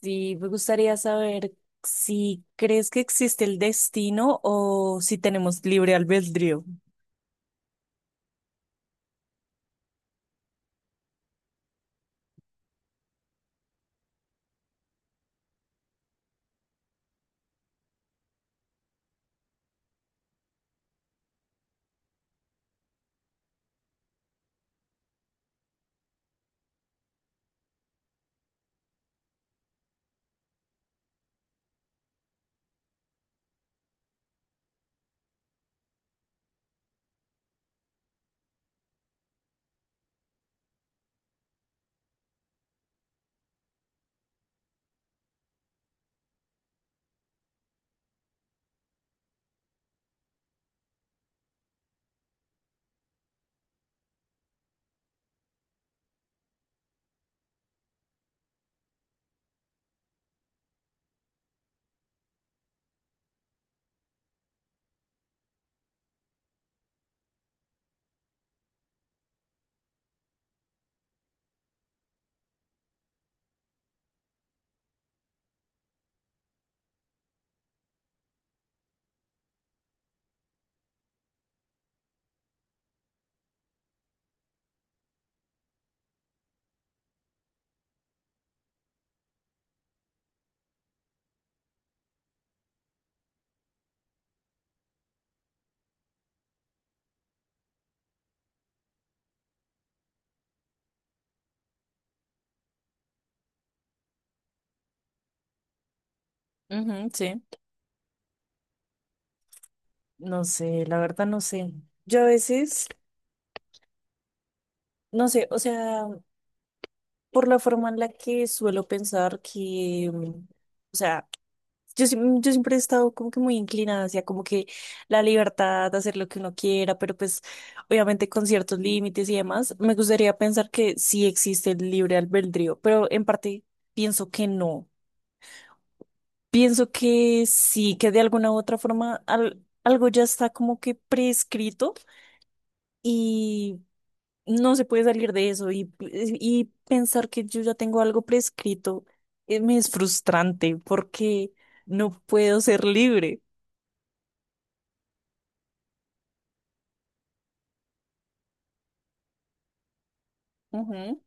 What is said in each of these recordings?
Sí, me gustaría saber si crees que existe el destino o si tenemos libre albedrío. Ujú, sí, no sé, la verdad no sé. Yo a veces, no sé, o sea, por la forma en la que suelo pensar que, o sea, yo siempre he estado como que muy inclinada hacia como que la libertad de hacer lo que uno quiera, pero pues obviamente con ciertos límites y demás, me gustaría pensar que sí existe el libre albedrío, pero en parte pienso que no. Pienso que sí, que de alguna u otra forma algo ya está como que prescrito y no se puede salir de eso y pensar que yo ya tengo algo prescrito me es frustrante porque no puedo ser libre. Ujú.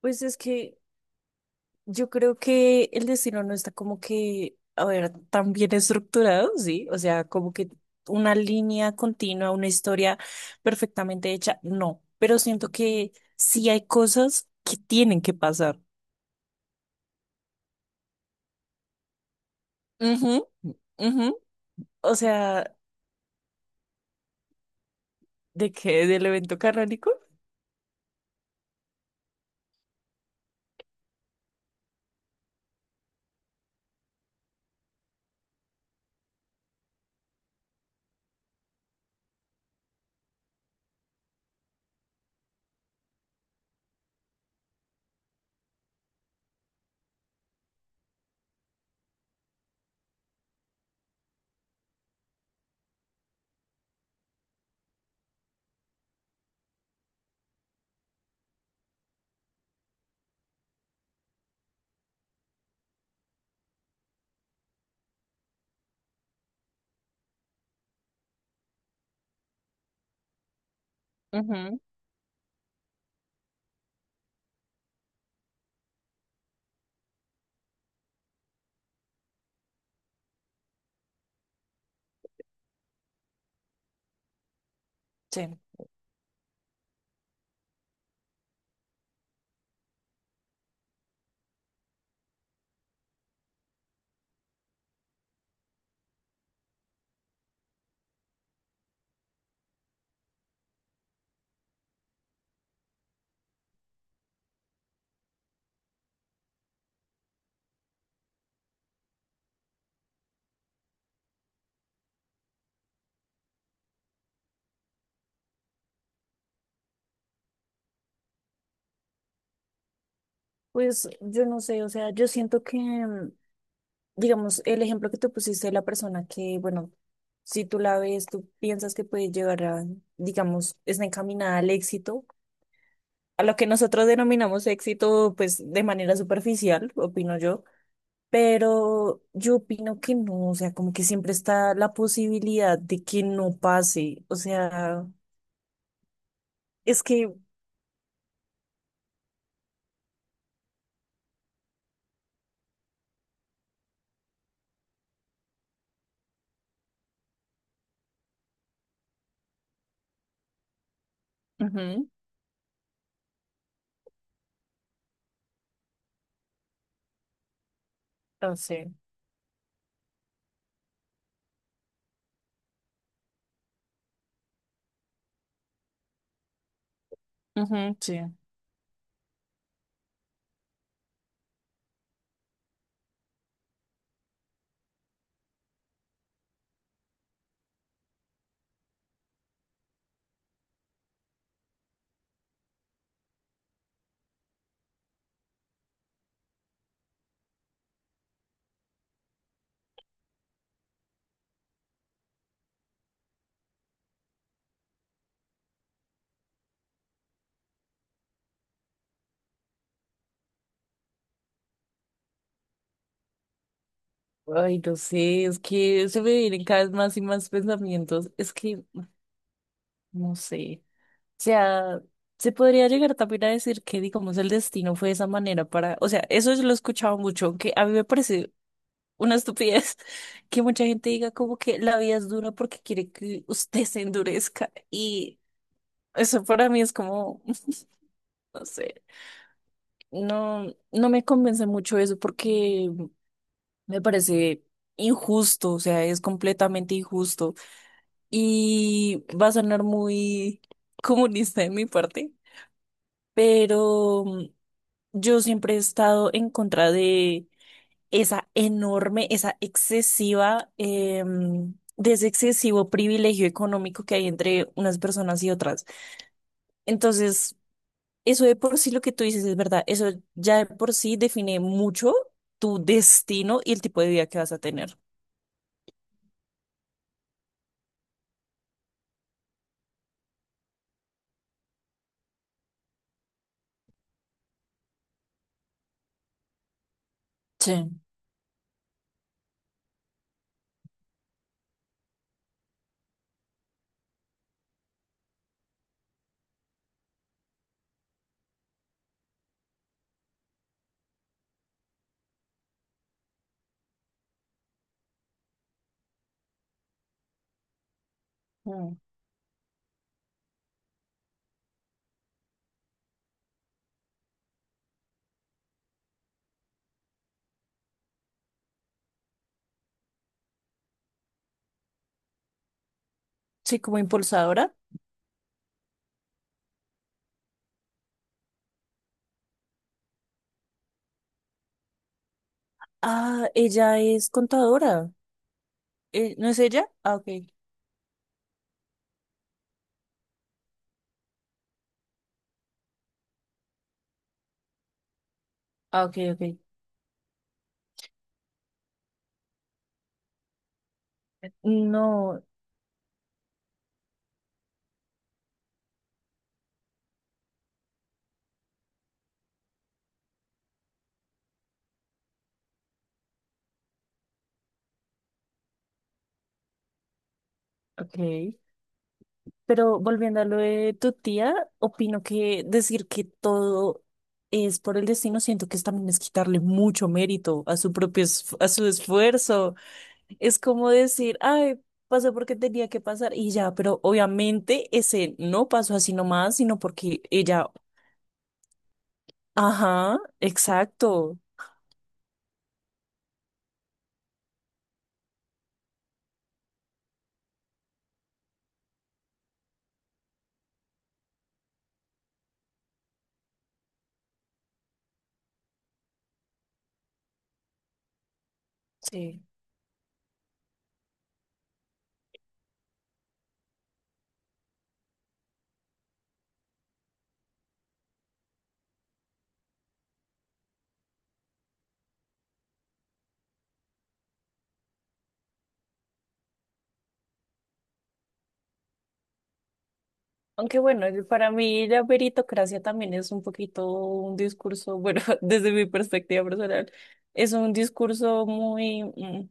Pues es que yo creo que el destino no está como que, a ver, tan bien estructurado, sí, o sea, como que una línea continua, una historia perfectamente hecha, no, pero siento que sí hay cosas que tienen que pasar. Ujú, ujú. O sea, ¿de qué? ¿Del evento canónico? Ujú, sí. Pues yo no sé, o sea, yo siento que, digamos, el ejemplo que tú pusiste de la persona que, bueno, si tú la ves, tú piensas que puede llegar a, digamos, está encaminada al éxito, a lo que nosotros denominamos éxito, pues de manera superficial, opino yo, pero yo opino que no, o sea, como que siempre está la posibilidad de que no pase, o sea, es que, ujú, no sé, ujú, sí. Ay, no sé, es que se me vienen cada vez más y más pensamientos, es que, no sé, o sea, se podría llegar también a decir que, digamos, el destino fue de esa manera para, o sea, eso yo lo he escuchado mucho, que a mí me parece una estupidez que mucha gente diga como que la vida es dura porque quiere que usted se endurezca y eso para mí es como, no sé, no me convence mucho eso porque me parece injusto, o sea, es completamente injusto y va a sonar muy comunista de mi parte, pero yo siempre he estado en contra de esa enorme, de ese excesivo privilegio económico que hay entre unas personas y otras. Entonces, eso de por sí lo que tú dices es verdad, eso ya de por sí define mucho tu destino y el tipo de vida que vas a tener. Sí. Mm. Sí, como impulsadora. Ah, ella es contadora. ¿No es ella? Ah, ok. Ah, ok, ok. No, ok. Pero volviendo a lo de tu tía, opino que decir que todo es por el destino, siento que es también es quitarle mucho mérito a su propio, a su esfuerzo. Es como decir, ay, pasó porque tenía que pasar y ya, pero obviamente ese no pasó así nomás, sino porque ella, ajá, exacto. Sí. Aunque bueno, para mí la meritocracia también es un poquito un discurso, bueno, desde mi perspectiva personal, es un discurso muy...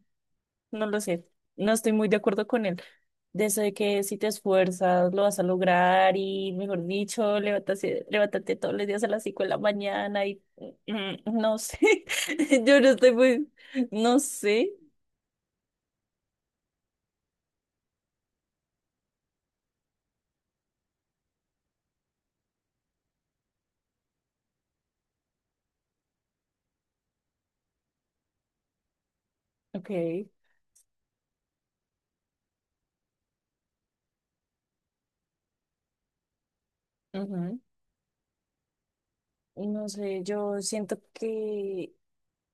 No lo sé, no estoy muy de acuerdo con él. De eso de que si te esfuerzas lo vas a lograr y, mejor dicho, levántate todos los días a las 5 de la mañana y mm, no sé, yo no estoy muy, no sé, ok, ujú, no sé, yo siento que,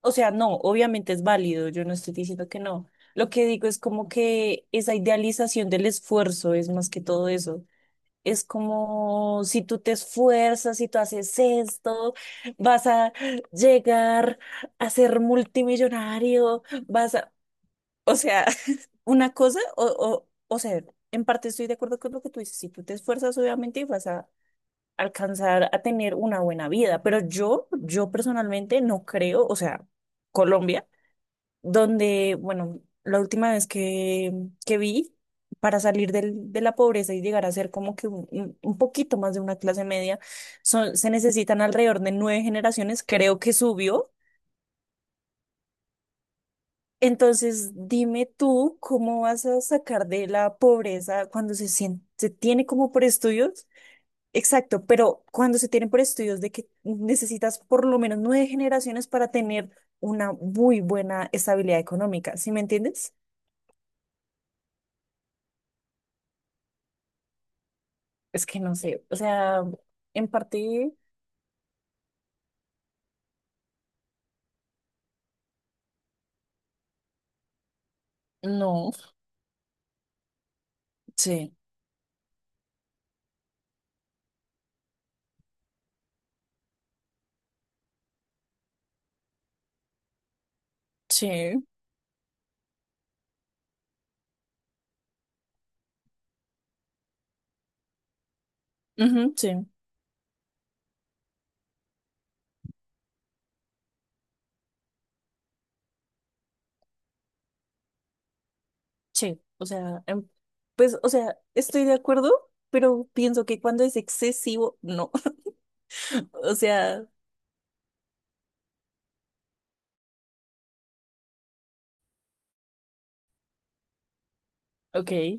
o sea, no, obviamente es válido, yo no estoy diciendo que no. Lo que digo es como que esa idealización del esfuerzo es más que todo eso. Es como si tú te esfuerzas, si tú haces esto, vas a llegar a ser multimillonario, vas a, o sea, una cosa, o sea, en parte estoy de acuerdo con lo que tú dices, si tú te esfuerzas, obviamente vas a alcanzar a tener una buena vida, pero yo personalmente no creo, o sea, Colombia donde, bueno, la última vez que vi, para salir de la pobreza y llegar a ser como que un, poquito más de una clase media, son, se necesitan alrededor de 9 generaciones, creo que subió. Entonces, dime tú, ¿cómo vas a sacar de la pobreza cuando se tiene como por estudios? Exacto, pero cuando se tienen por estudios de que necesitas por lo menos 9 generaciones para tener una muy buena estabilidad económica, ¿sí me entiendes? Es que no sé, o sea, en parte, no, sí, sí, ujú, sí, sí, o sea, pues, o sea, estoy de acuerdo, pero pienso que cuando es excesivo, no, o sea, ok,